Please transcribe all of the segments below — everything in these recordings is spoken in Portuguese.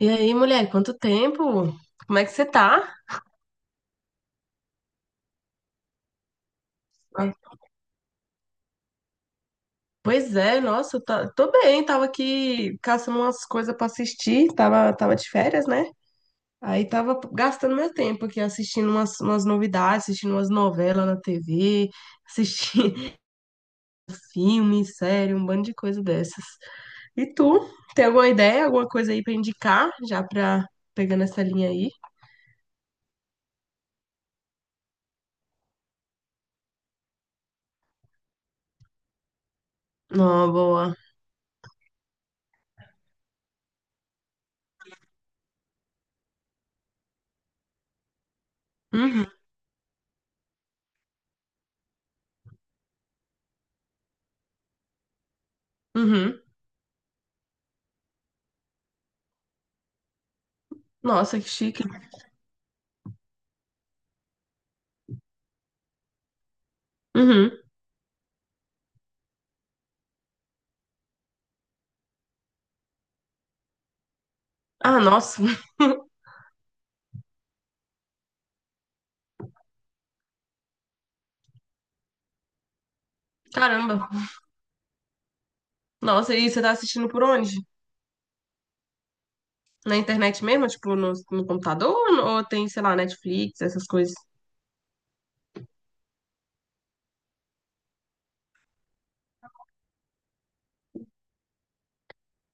E aí, mulher, quanto tempo? Como é que você tá? Ah, Pois é, nossa, tô bem, tava aqui caçando umas coisas pra assistir, tava de férias, né? Aí tava gastando meu tempo aqui assistindo umas novidades, assistindo umas novelas na TV, assistindo filme, série, um bando de coisa dessas. E tu, tem alguma ideia, alguma coisa aí pra indicar, já pra pegar nessa linha aí? Não, boa. Uhum, uhum. Nossa, que chique. Uhum. Ah, nossa. Caramba, nossa, e você tá assistindo por onde? Na internet mesmo? Tipo, no computador? Ou no- Ou tem, sei lá, Netflix, essas coisas?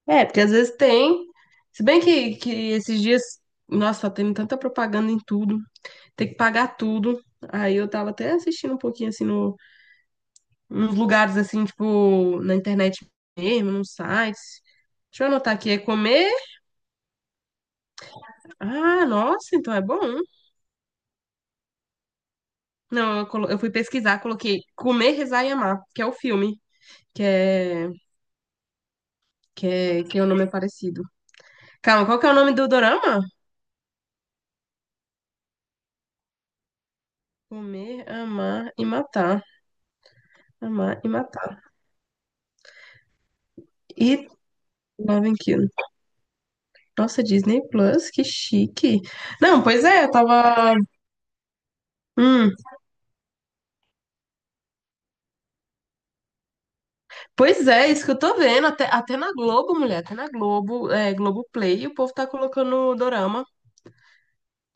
É, porque às vezes tem. Se bem que esses dias, nossa, tá tendo tanta propaganda em tudo. Tem que pagar tudo. Aí eu tava até assistindo um pouquinho, assim, no, nos lugares, assim, tipo, na internet mesmo, nos sites. Deixa eu anotar aqui, é comer. Ah, nossa, então é bom. Não, eu, eu fui pesquisar, coloquei Comer, Rezar e Amar, que é o filme, que é Que, é, que o nome é parecido. Calma, qual que é o nome do dorama? Comer, amar e matar. Amar e matar. E Love and Kill. Nossa, Disney Plus, que chique. Não, pois é, eu tava. Hum, pois é, é isso que eu tô vendo. Até, até na Globo, mulher, até na Globo, é, Globoplay, o povo tá colocando dorama.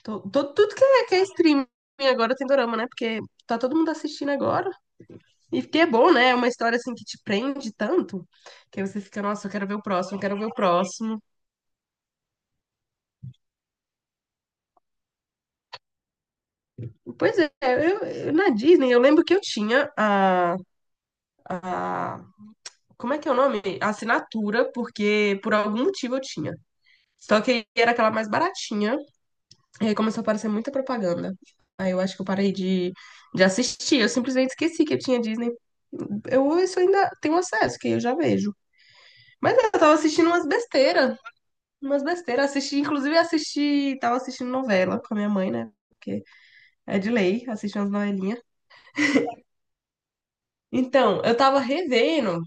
Tudo que que é streaming agora tem dorama, né? Porque tá todo mundo assistindo agora. E que é bom, né? É uma história assim que te prende tanto que aí você fica, nossa, eu quero ver o próximo, eu quero ver o próximo. Pois é, na Disney eu lembro que eu tinha a. Como é que é o nome? A assinatura, porque por algum motivo eu tinha. Só que era aquela mais baratinha, e aí começou a aparecer muita propaganda. Aí eu acho que eu parei de assistir, eu simplesmente esqueci que eu tinha Disney. Eu isso ainda tenho acesso, que eu já vejo. Mas é, eu tava assistindo umas besteiras, umas besteiras. Assisti, inclusive assisti, tava assistindo novela com a minha mãe, né? Porque é de lei, assisti umas novelinhas. Então, eu tava revendo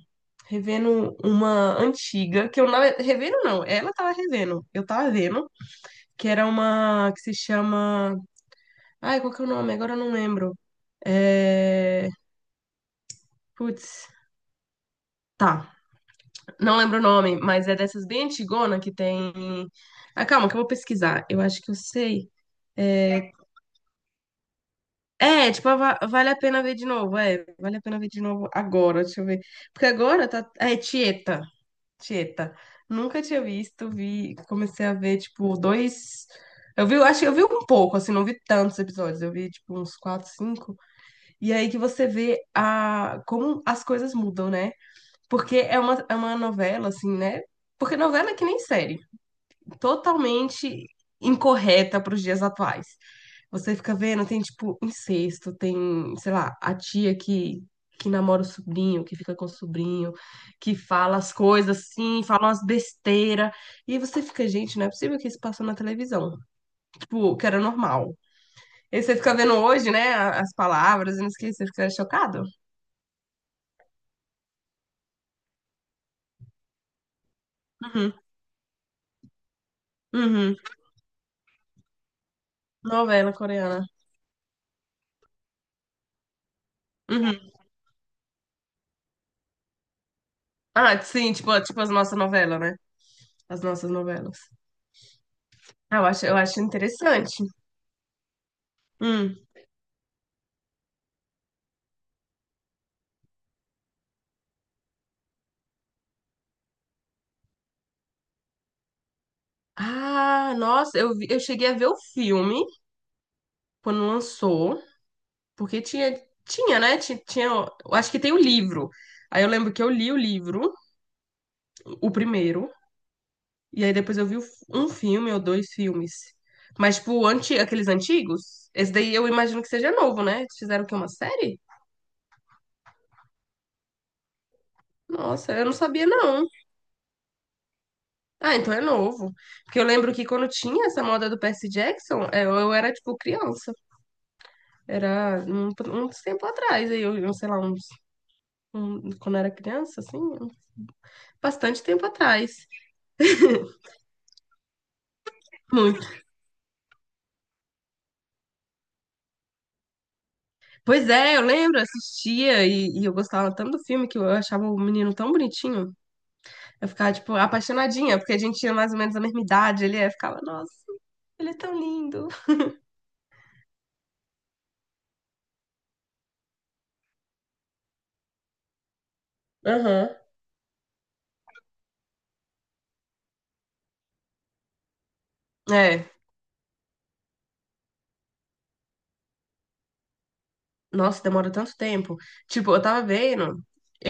revendo uma antiga, que eu não. Revendo não, ela tava revendo. Eu tava vendo, que era uma que se chama. Ai, qual que é o nome? Agora eu não lembro. É. Putz. Tá, não lembro o nome, mas é dessas bem antigona que tem. Ah, calma, que eu vou pesquisar. Eu acho que eu sei. É, tipo, vale a pena ver de novo. É, vale a pena ver de novo agora. Deixa eu ver. Porque agora tá. Ah, é Tieta. Tieta. Nunca tinha visto, vi, comecei a ver, tipo, dois. Eu vi, eu acho que eu vi um pouco, assim, não vi tantos episódios, eu vi, tipo, uns quatro, cinco. E aí que você vê a, como as coisas mudam, né? Porque é é uma novela, assim, né? Porque novela é que nem série totalmente incorreta para os dias atuais. Você fica vendo, tem tipo incesto, tem, sei lá, a tia que namora o sobrinho, que fica com o sobrinho, que fala as coisas assim, fala umas besteiras. E aí você fica, gente, não é possível que isso passou na televisão. Tipo, que era normal. E aí você fica vendo hoje, né, as palavras, e não esquece, você fica chocado. Uhum, uhum. Novela coreana. Uhum. Ah, sim, tipo, tipo as nossas novelas, né? As nossas novelas. Ah, eu acho, eu acho interessante. Hum. Ah, nossa, eu cheguei a ver o filme quando lançou, porque tinha, tinha, né? Tinha, eu acho que tem o livro. Aí eu lembro que eu li o livro, o primeiro, e aí depois eu vi um filme ou dois filmes. Mas, tipo, anti, aqueles antigos, esse daí eu imagino que seja novo, né? Eles fizeram o quê? Uma série? Nossa, eu não sabia, não. Ah, então é novo. Porque eu lembro que quando tinha essa moda do Percy Jackson, é, eu era, tipo, criança. Era um tempo atrás, aí eu sei lá, uns quando era criança, assim, bastante tempo atrás. Muito. Pois é, eu lembro, assistia e eu gostava tanto do filme que eu achava o menino tão bonitinho. Eu ficava, tipo, apaixonadinha, porque a gente tinha mais ou menos a mesma idade, ele é, ficava, nossa, ele é tão lindo. Aham. É. Nossa, demora tanto tempo. Tipo, eu tava vendo,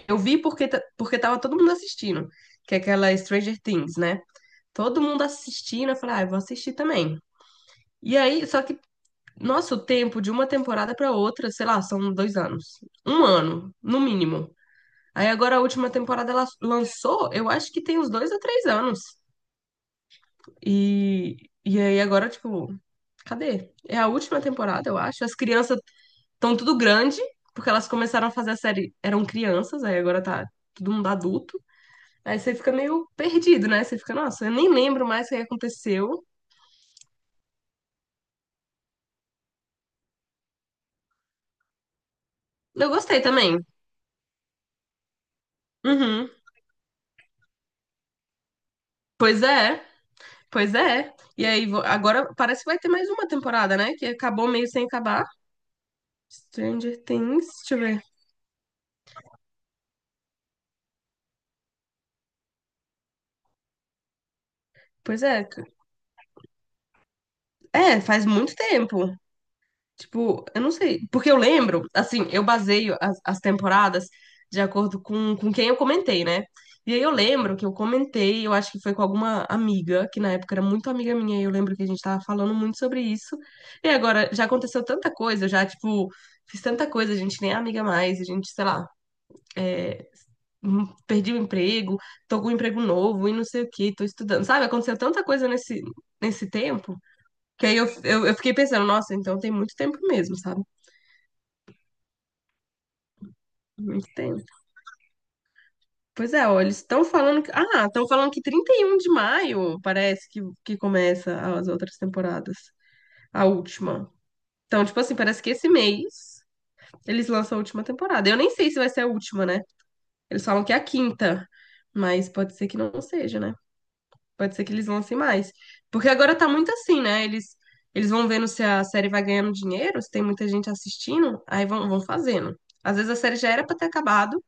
eu vi porque, porque tava todo mundo assistindo, que é aquela Stranger Things, né? Todo mundo assistindo, eu falei, ah, eu vou assistir também. E aí, só que nosso tempo de uma temporada para outra, sei lá, são dois anos. Um ano, no mínimo. Aí agora a última temporada ela lançou, eu acho que tem uns dois a três anos. E, e aí agora, tipo, cadê? É a última temporada, eu acho. As crianças estão tudo grande, porque elas começaram a fazer a série, eram crianças, aí agora tá todo mundo adulto. Aí você fica meio perdido, né? Você fica, nossa, eu nem lembro mais o que aconteceu. Eu gostei também. Uhum. Pois é. Pois é. E aí, agora parece que vai ter mais uma temporada, né? Que acabou meio sem acabar. Stranger Things, deixa eu ver. Pois é. É, faz muito tempo. Tipo, eu não sei. Porque eu lembro, assim, eu baseio as temporadas de acordo com quem eu comentei, né? E aí eu lembro que eu comentei, eu acho que foi com alguma amiga, que na época era muito amiga minha, e eu lembro que a gente tava falando muito sobre isso. E agora já aconteceu tanta coisa, eu já, tipo, fiz tanta coisa, a gente nem é amiga mais, a gente, sei lá. é, perdi o emprego, tô com um emprego novo e não sei o que, tô estudando. Sabe, aconteceu tanta coisa nesse, nesse tempo que aí eu fiquei pensando, nossa, então tem muito tempo mesmo, sabe? Muito tempo. Pois é, olha, eles estão falando que. Ah, estão falando que 31 de maio parece que começa as outras temporadas. A última. Então, tipo assim, parece que esse mês eles lançam a última temporada. Eu nem sei se vai ser a última, né? Eles falam que é a quinta, mas pode ser que não seja, né? Pode ser que eles lancem mais. Porque agora tá muito assim, né? Eles vão vendo se a série vai ganhando dinheiro, se tem muita gente assistindo, aí vão, vão fazendo. Às vezes a série já era pra ter acabado,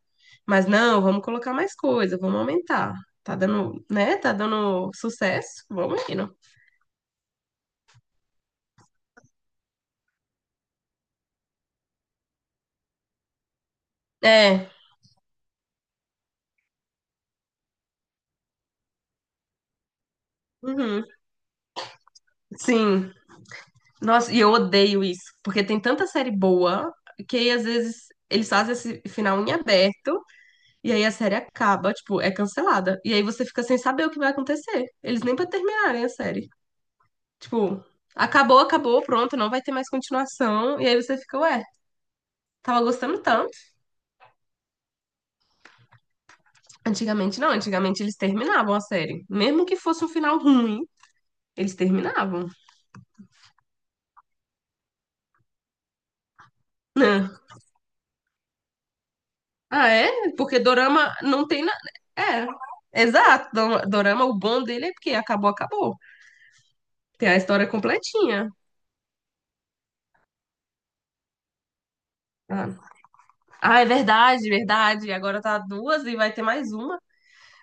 mas não, vamos colocar mais coisa, vamos aumentar. Tá dando, né? Tá dando sucesso, vamos indo. É, uhum, sim. Nossa, e eu odeio isso, porque tem tanta série boa que aí, às vezes eles fazem esse final em aberto. E aí a série acaba, tipo, é cancelada. E aí você fica sem saber o que vai acontecer. Eles nem pra terminarem a série. Tipo, acabou, acabou, pronto, não vai ter mais continuação. E aí você fica, ué, tava gostando tanto. Antigamente não, antigamente eles terminavam a série. Mesmo que fosse um final ruim, eles terminavam. Né? Ah, é? Porque dorama não tem nada. É. Exato, dorama, o bom dele é porque acabou, acabou. Tem a história completinha. Ah, ah, é verdade, verdade. Agora tá duas e vai ter mais uma.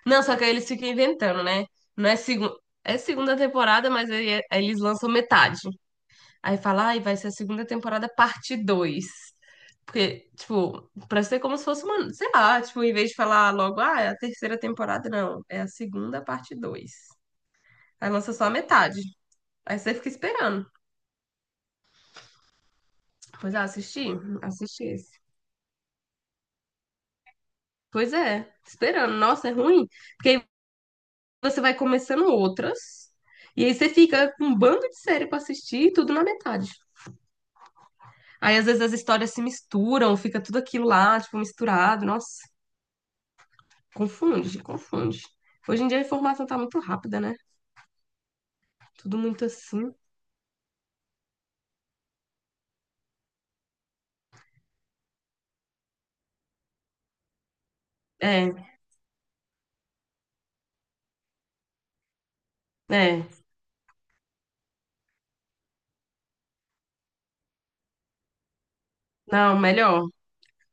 Não, só que aí eles ficam inventando, né? Não é segunda. É segunda temporada, mas aí, aí eles lançam metade. Aí fala, ai, vai ser a segunda temporada parte dois. Porque, tipo, pra ser como se fosse uma. Sei lá, tipo, em vez de falar logo, ah, é a terceira temporada, não. É a segunda parte 2. Aí lança só a metade. Aí você fica esperando. Pois é, assisti. Assisti esse. Pois é, esperando. Nossa, é ruim. Porque aí você vai começando outras. E aí você fica com um bando de série pra assistir e tudo na metade. Aí às vezes as histórias se misturam, fica tudo aquilo lá, tipo, misturado. Nossa, confunde, confunde. Hoje em dia a informação tá muito rápida, né? Tudo muito assim. É, é. Não, melhor.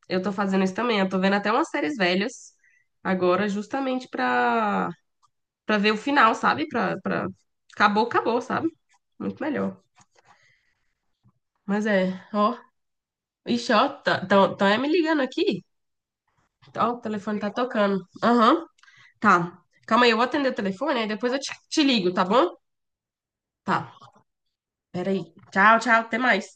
Eu tô fazendo isso também. Eu tô vendo até umas séries velhas agora, justamente pra ver o final, sabe? Pra, pra... Acabou, acabou, sabe? Muito melhor. Mas é, ó. Ixi, ó, tá, tão é me ligando aqui. Ó, o telefone tá tocando. Aham. Tá. Calma aí, eu vou atender o telefone, aí depois eu te ligo, tá bom? Tá. Peraí. Tchau, tchau, até mais.